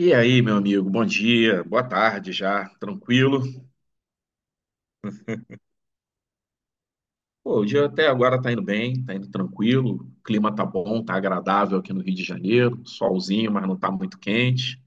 E aí, meu amigo, bom dia, boa tarde já, tranquilo? Pô, o dia até agora tá indo bem, tá indo tranquilo, o clima tá bom, tá agradável aqui no Rio de Janeiro, solzinho, mas não tá muito quente.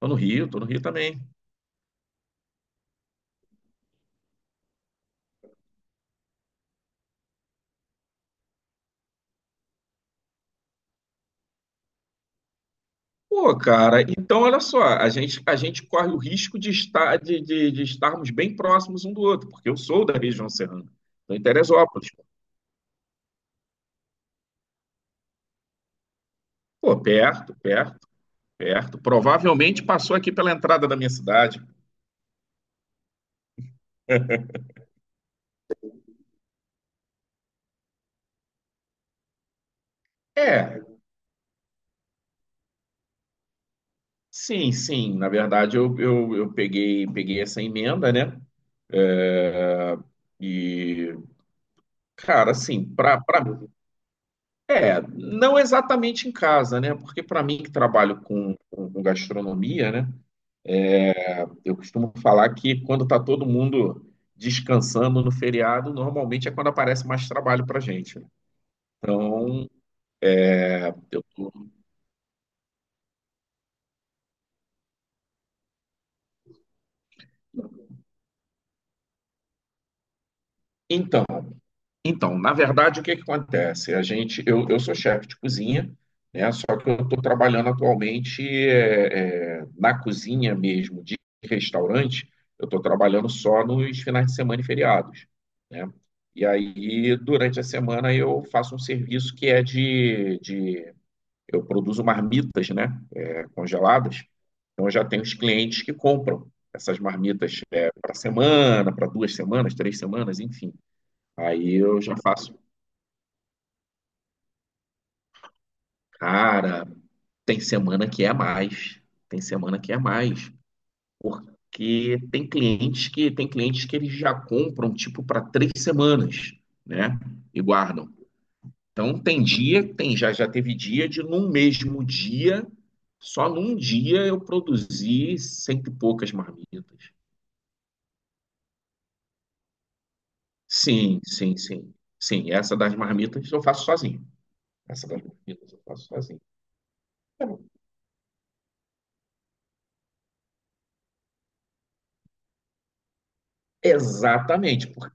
Tô no Rio também. Pô, cara, então olha só, a gente corre o risco de estar, de estarmos bem próximos um do outro, porque eu sou da região serrana, tô em Teresópolis. Pô, perto, perto, perto. Provavelmente passou aqui pela entrada da minha cidade. É, sim, sim. Na verdade, eu peguei essa emenda, né? Ah, E, cara, assim, não exatamente em casa, né? Porque para mim que trabalho com gastronomia, né? Eu costumo falar que quando tá todo mundo descansando no feriado, normalmente é quando aparece mais trabalho pra gente, né? Então, eu tô. Então, Então, na verdade, o que que acontece? Eu sou chefe de cozinha, né? Só que eu estou trabalhando atualmente na cozinha mesmo de restaurante. Eu estou trabalhando só nos finais de semana e feriados, né? E aí, durante a semana, eu faço um serviço que é de eu produzo marmitas, né? Congeladas. Então, eu já tenho os clientes que compram essas marmitas para semana, para 2 semanas, 3 semanas, enfim. Aí eu já faço. Cara, tem semana que é mais, tem semana que é mais, porque tem clientes que eles já compram tipo para 3 semanas, né? E guardam. Então tem dia, tem já teve dia de num mesmo dia, só num dia eu produzi cento e poucas marmitas. Sim, sim, sim, sim. Essa das marmitas eu faço sozinho. Essa das marmitas eu faço sozinho. Exatamente, porque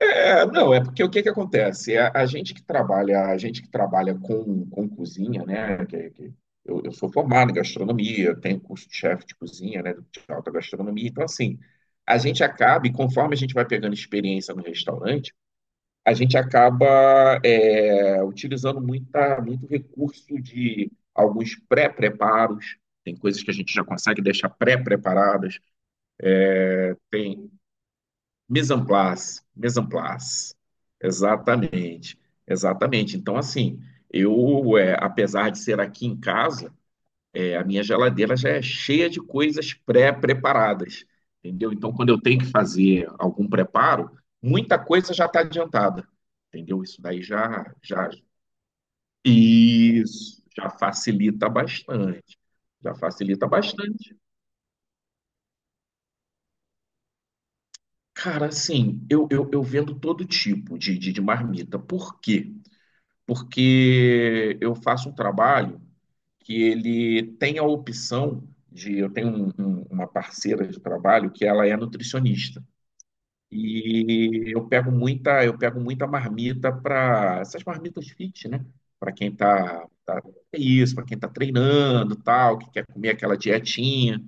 É, não, é porque o que que acontece? A gente que trabalha com cozinha, né? Eu sou formado em gastronomia, tenho curso de chefe de cozinha, né? De alta gastronomia. Então, assim, a gente acaba, e conforme a gente vai pegando experiência no restaurante, a gente acaba utilizando muita, muito recurso de alguns pré-preparos. Tem coisas que a gente já consegue deixar pré-preparadas. Tem. Mise en place, mise en place. Exatamente, exatamente. Então, assim, apesar de ser aqui em casa, a minha geladeira já é cheia de coisas pré-preparadas, entendeu? Então, quando eu tenho que fazer algum preparo, muita coisa já está adiantada, entendeu? Isso daí já facilita bastante, já facilita bastante. Cara, assim, eu vendo todo tipo de marmita. Por quê? Porque eu faço um trabalho que ele tem a opção de. Eu tenho uma parceira de trabalho que ela é nutricionista. E eu pego muita marmita para essas marmitas fit, né? Para quem tá é isso, para quem tá treinando, tal, que quer comer aquela dietinha.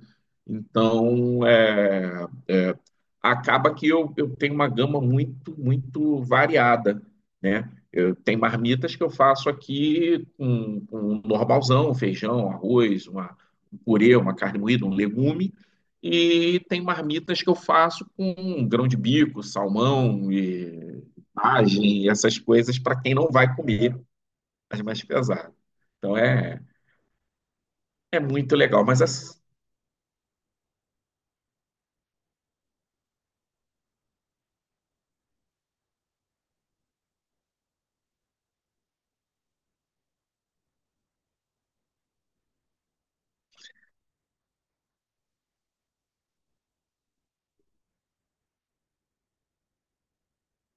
Então, acaba que eu tenho uma gama muito, muito variada, né? Tem marmitas que eu faço aqui com um normalzão, um feijão, um arroz, uma, um purê, uma carne moída, um legume. E tem marmitas que eu faço com grão de bico, salmão e vagem, essas coisas para quem não vai comer as mais pesadas. Então é muito legal. Mas assim,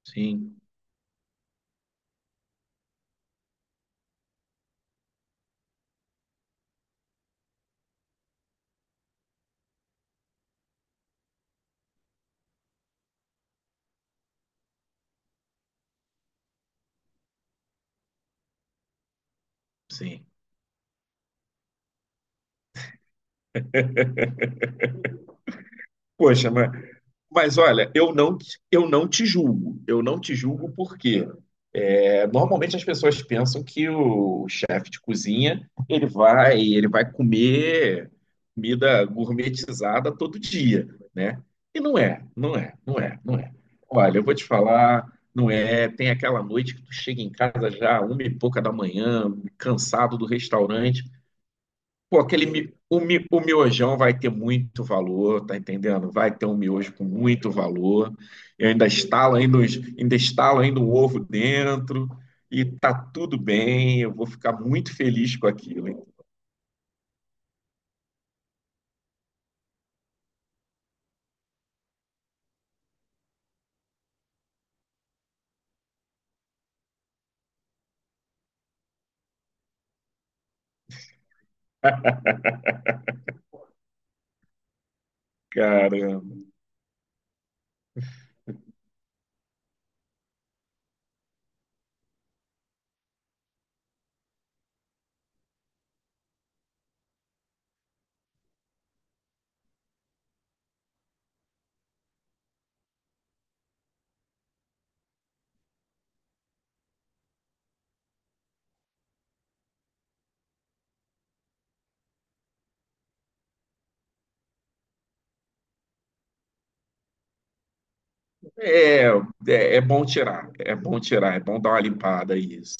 sim, sim. Poxa, mas olha, eu não te julgo. Eu não te julgo porque normalmente as pessoas pensam que o chefe de cozinha ele vai comer comida gourmetizada todo dia, né? E não é, não é, não é, não é. Olha, eu vou te falar, não é. Tem aquela noite que tu chega em casa já uma e pouca da manhã, cansado do restaurante. Pô, aquele mi- o, mi- o miojão vai ter muito valor, tá entendendo? Vai ter um miojo com muito valor. Eu ainda estalo ainda, os- ainda estalo ainda um ovo dentro e tá tudo bem. Eu vou ficar muito feliz com aquilo, hein? Caramba. É, é, é bom tirar, é bom tirar, é bom dar uma limpada aí, isso.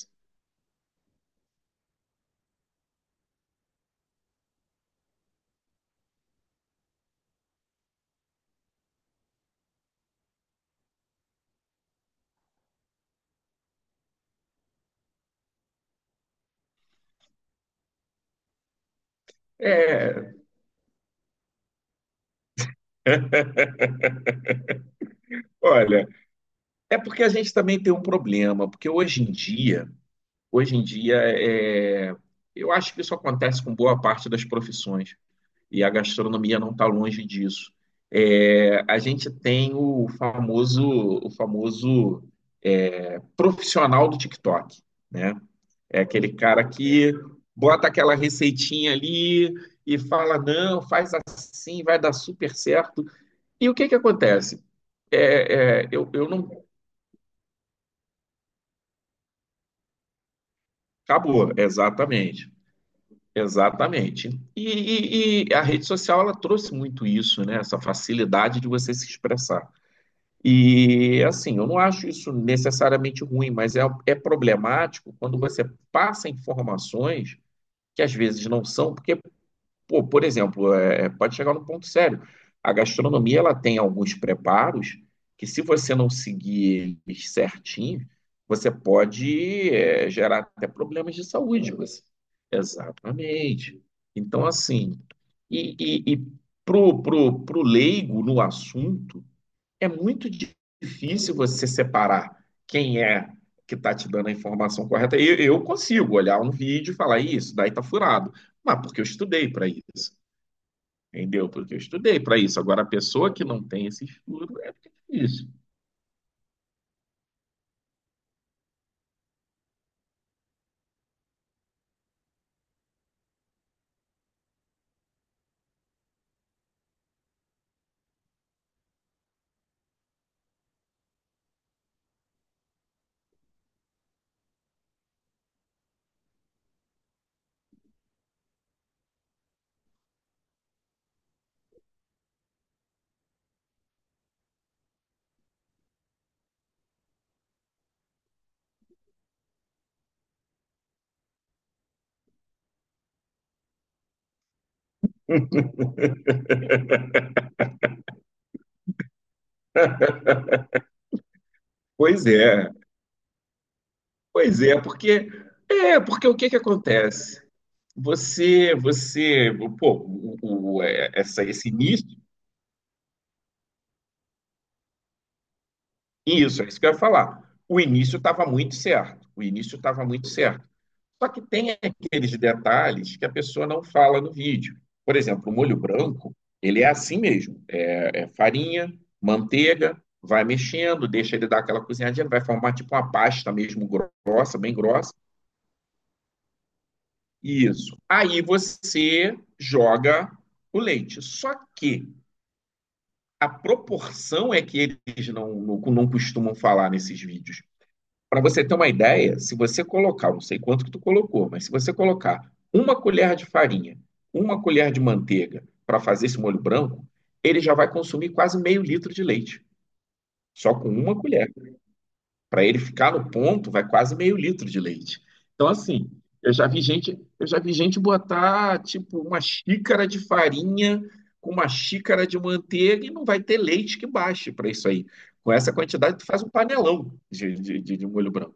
É, olha, é porque a gente também tem um problema, porque hoje em dia, eu acho que isso acontece com boa parte das profissões. E a gastronomia não está longe disso. É, a gente tem o famoso, o famoso profissional do TikTok, né? É aquele cara que bota aquela receitinha ali e fala, não, faz assim, vai dar super certo. E o que que acontece? É, eu não. Acabou, exatamente. Exatamente. E a rede social ela trouxe muito isso, né? Essa facilidade de você se expressar. E assim, eu não acho isso necessariamente ruim, mas é problemático quando você passa informações que às vezes não são, porque, pô, por exemplo, pode chegar num ponto sério. A gastronomia ela tem alguns preparos que, se você não seguir eles certinho, você pode gerar até problemas de saúde. Você. Exatamente. Então, assim, e, e pro leigo no assunto é muito difícil você separar quem é que está te dando a informação correta. Eu consigo olhar um vídeo e falar, "Ih, isso daí tá furado. Mas porque eu estudei para isso, entendeu? Porque eu estudei para isso. Agora, a pessoa que não tem esse estudo é difícil. Pois é, pois é, porque o que que acontece? Você, pô, esse início. Isso, é isso que eu ia falar. O início estava muito certo. O início estava muito certo. Só que tem aqueles detalhes que a pessoa não fala no vídeo. Por exemplo, o molho branco, ele é assim mesmo. É, é farinha, manteiga, vai mexendo, deixa ele dar aquela cozinhadinha, vai formar tipo uma pasta mesmo grossa, bem grossa. Isso. Aí você joga o leite. Só que a proporção é que eles não, não, não costumam falar nesses vídeos. Para você ter uma ideia, se você colocar, eu não sei quanto que tu colocou, mas se você colocar uma colher de farinha, uma colher de manteiga para fazer esse molho branco, ele já vai consumir quase meio litro de leite, só com uma colher. Para ele ficar no ponto, vai quase meio litro de leite. Então, assim, eu já vi gente botar tipo uma xícara de farinha com uma xícara de manteiga e não vai ter leite que baixe para isso aí. Com essa quantidade, tu faz um panelão de molho branco.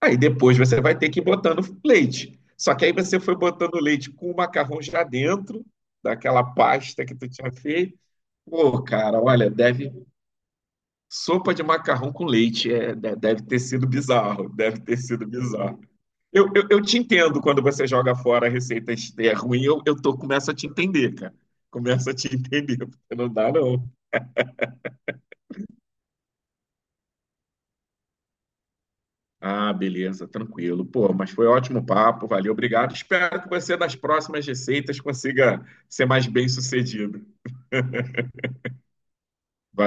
Aí depois você vai ter que ir botando leite. Só que aí você foi botando leite com o macarrão já dentro daquela pasta que tu tinha feito. Pô, cara, olha, deve sopa de macarrão com leite deve ter sido bizarro, deve ter sido bizarro. Eu te entendo quando você joga fora a receita é ruim, começo a te entender, cara. Começo a te entender, porque não dá não. Ah, beleza, tranquilo. Pô, mas foi ótimo o papo, valeu, obrigado. Espero que você, nas próximas receitas, consiga ser mais bem-sucedido. Valeu.